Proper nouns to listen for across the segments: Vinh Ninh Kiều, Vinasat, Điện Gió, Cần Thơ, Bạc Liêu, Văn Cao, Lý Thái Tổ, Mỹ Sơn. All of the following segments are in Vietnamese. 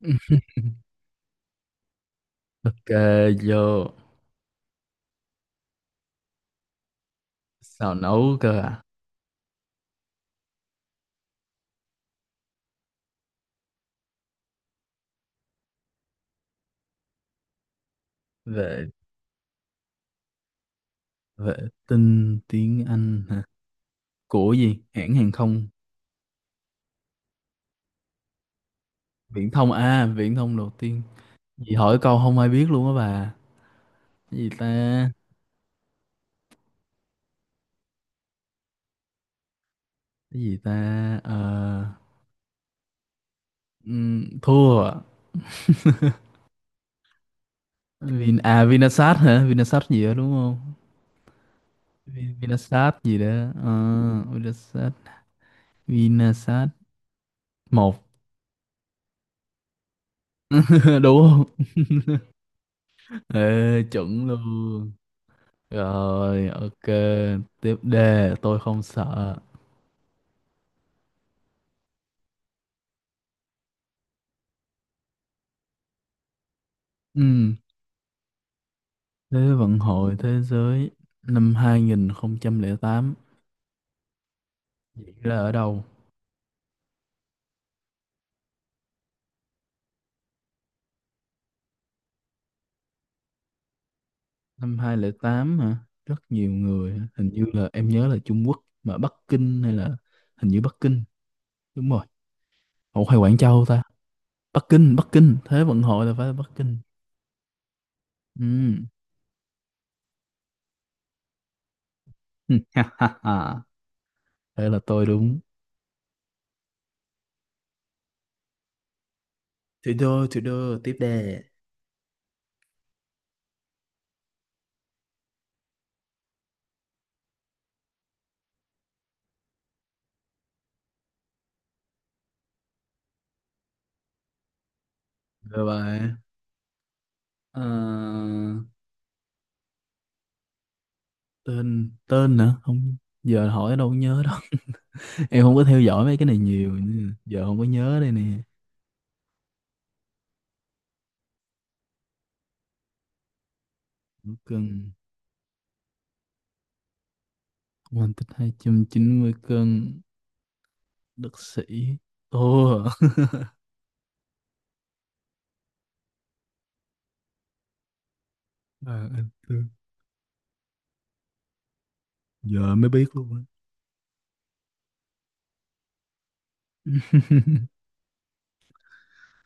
Ok. Vô. Xào nấu cơ à? Vệ vệ tinh tiếng Anh hả? Của gì, hãng hàng không? Viễn thông à, viễn thông đầu tiên? Gì hỏi câu không ai biết luôn á bà. Cái gì ta cái gì ta Ờ, ừm, Thua à? Vinasat hả? Vinasat gì đó đúng không? Vinasat gì đó. Ờ, Vinasat Vinasat một. đúng không? Ê, chuẩn luôn. Rồi, ok. Tiếp đề, tôi không sợ. Ừm, Thế vận hội thế giới năm 2008 diễn ra ở đâu? Năm hai không không tám hả? Rất nhiều người, hả? Hình như là em nhớ là Trung Quốc, mà Bắc Kinh hay là hình như Bắc Kinh, đúng rồi. Ủa hay Quảng Châu ta? Bắc Kinh, Bắc Kinh, thế vận hội là phải là Bắc Kinh. Ừm, Thế là tôi đúng. Thủ đô, tiếp đề. Bye bye. Ờ, tên tên nữa không, giờ hỏi đâu có nhớ đâu. em không có theo dõi mấy cái này nhiều nên giờ không có nhớ đây nè. Một cân, quan tích 290 cân, đất sĩ, ô. à, anh Tư. Giờ mới biết luôn á.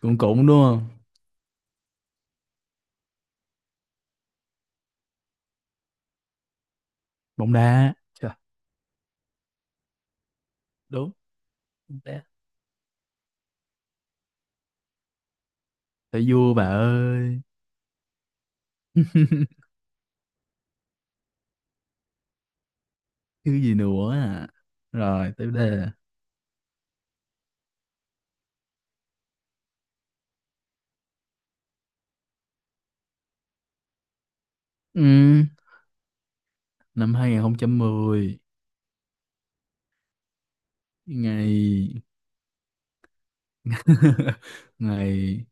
cũng cũng đúng không? Bóng đá. Chà, đúng, bóng đá phải vua bà ơi. thứ gì nữa à, rồi tiếp đề. ừ, Năm 2010. ngày ngày.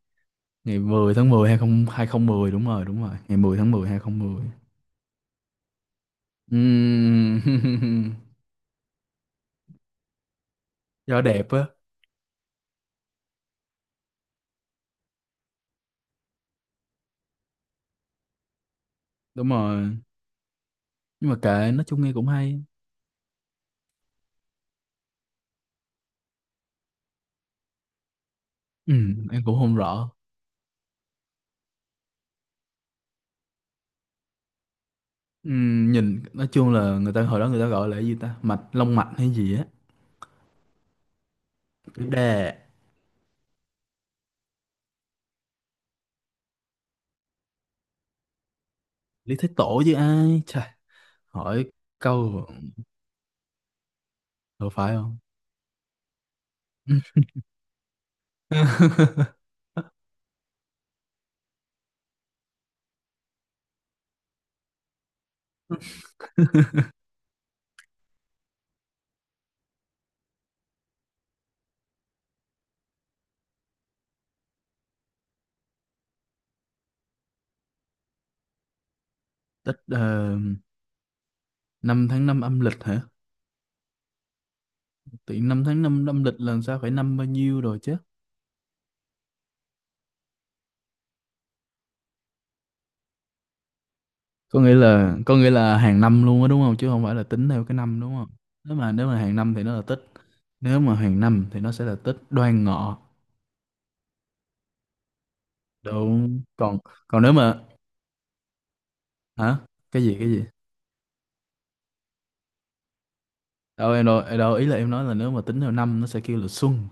Ngày 10 tháng 10 20 2010, đúng rồi, đúng rồi. Ngày 10 tháng 10 không một không. Ừm, do đẹp á, đúng rồi. Nhưng mà kệ, nói chung nghe cũng hay. Em cũng không rõ. Nhìn nói chung là người ta hồi đó người ta gọi là cái gì ta? Mạch, long mạch hay gì á. Đè, Lý Thái Tổ chứ ai. Trời, hỏi câu đâu phải không? Tết, 5 tháng 5 âm lịch hả? Tự nhiên 5 tháng năm âm lịch là sao, phải năm bao nhiêu rồi chứ? Có nghĩa là hàng năm luôn á đúng không, chứ không phải là tính theo cái năm đúng không? Nếu mà hàng năm thì nó là tích. Nếu mà hàng năm thì nó sẽ là tích đoan ngọ, đúng. Còn còn nếu mà... Hả? Cái gì, cái gì? Đâu em, ý là em nói là nếu mà tính theo năm nó sẽ kêu là xuân.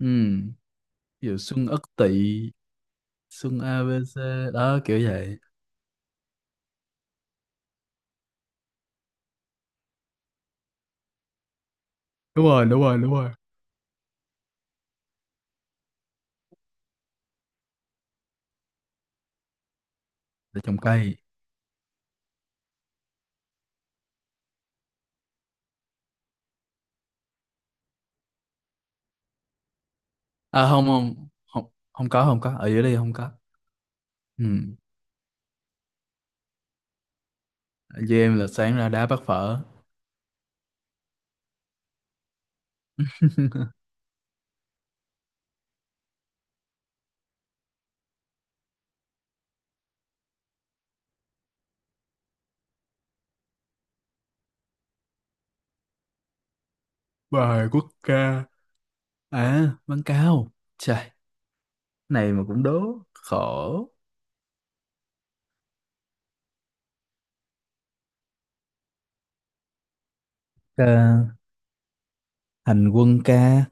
Ừ, ví dụ xuân Ất Tỵ, xuân a ABC đó, kiểu vậy. Đúng rồi, đúng rồi, đúng rồi. Để trồng cây. À không, không, không, không có, không có ở dưới đây, không có. Ừ, với em là sáng ra đá bát phở. bài quốc ca. À, Văn Cao. Trời, này mà cũng đố. Khổ. Ờ, Hành quân ca,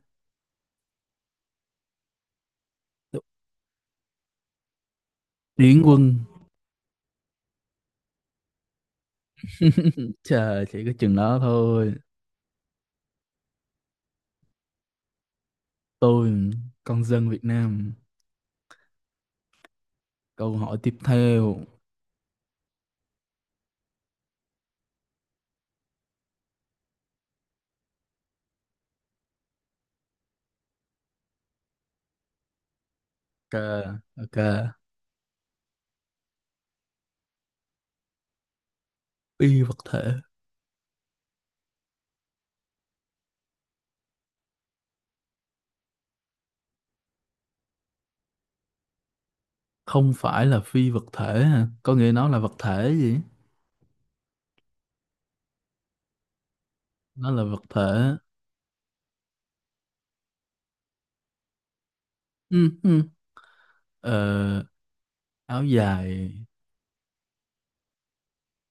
điển quân. Trời, chỉ có chừng đó thôi. Tôi, con dân Việt Nam. Câu hỏi tiếp theo. Ok, ok. Phi vật thể. Không phải là phi vật thể hả? Có nghĩa nó là vật thể gì? Nó là vật thể. Ừ, ừ. Ờ, Áo dài.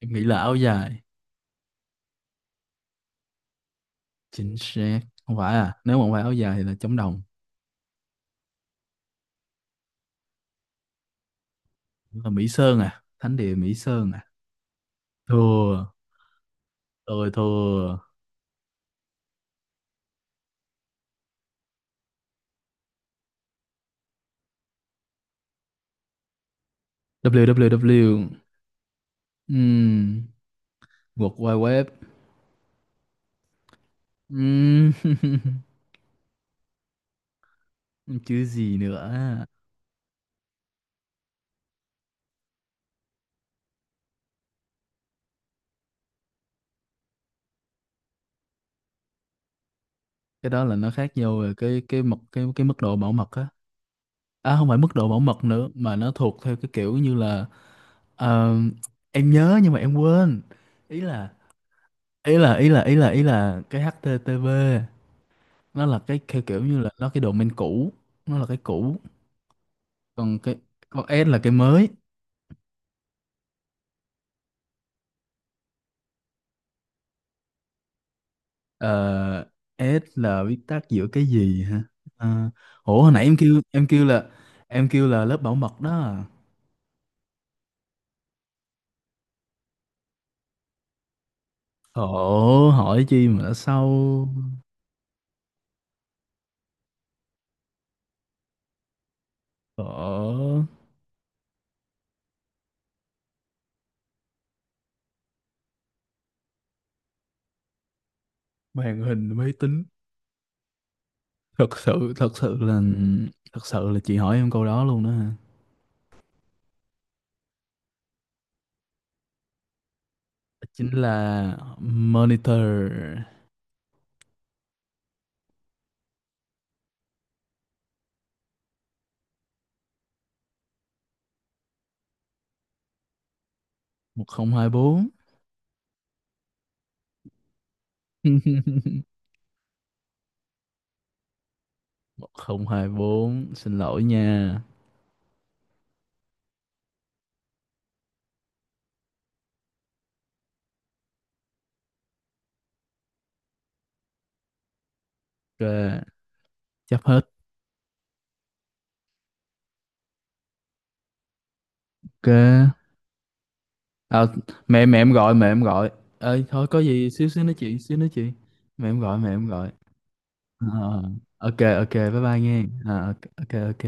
Em nghĩ là áo dài. Chính xác. Không phải à? Nếu mà không phải áo dài thì là chống đồng. Đúng là Mỹ Sơn à, thánh địa Mỹ Sơn à? Thua, tôi thua. www. um World Wide Web. Ừm, chứ gì nữa. Cái đó là nó khác nhau về cái mật, cái mức độ bảo mật á. À không phải mức độ bảo mật nữa, mà nó thuộc theo cái kiểu như là, ờ, em nhớ nhưng mà em quên. Ý là ý là ý là ý là ý là cái HTTP nó là cái theo kiểu như là nó cái domain cũ, nó là cái cũ. Còn cái con S là cái mới. Ờ, S là viết tắt giữa cái gì hả? Ờ, ủa hồi nãy em kêu, em kêu là lớp bảo mật đó. À. Khổ hỏi chi mà đã sâu. Khổ. Màn hình máy tính. Thật sự thật sự là Thật sự là chị hỏi em câu đó luôn đó hả? Chính là monitor. Một một không không hai bốn. một không hai bốn, xin lỗi nha. Ok, chấp hết. Ok. À, mẹ mẹ em gọi, mẹ em gọi ơi, thôi có gì xíu xíu nói chuyện xíu, nói chuyện, mẹ em gọi. Ờ, ok, ok, bye bye nghe. Ờ, ok, ok, ok.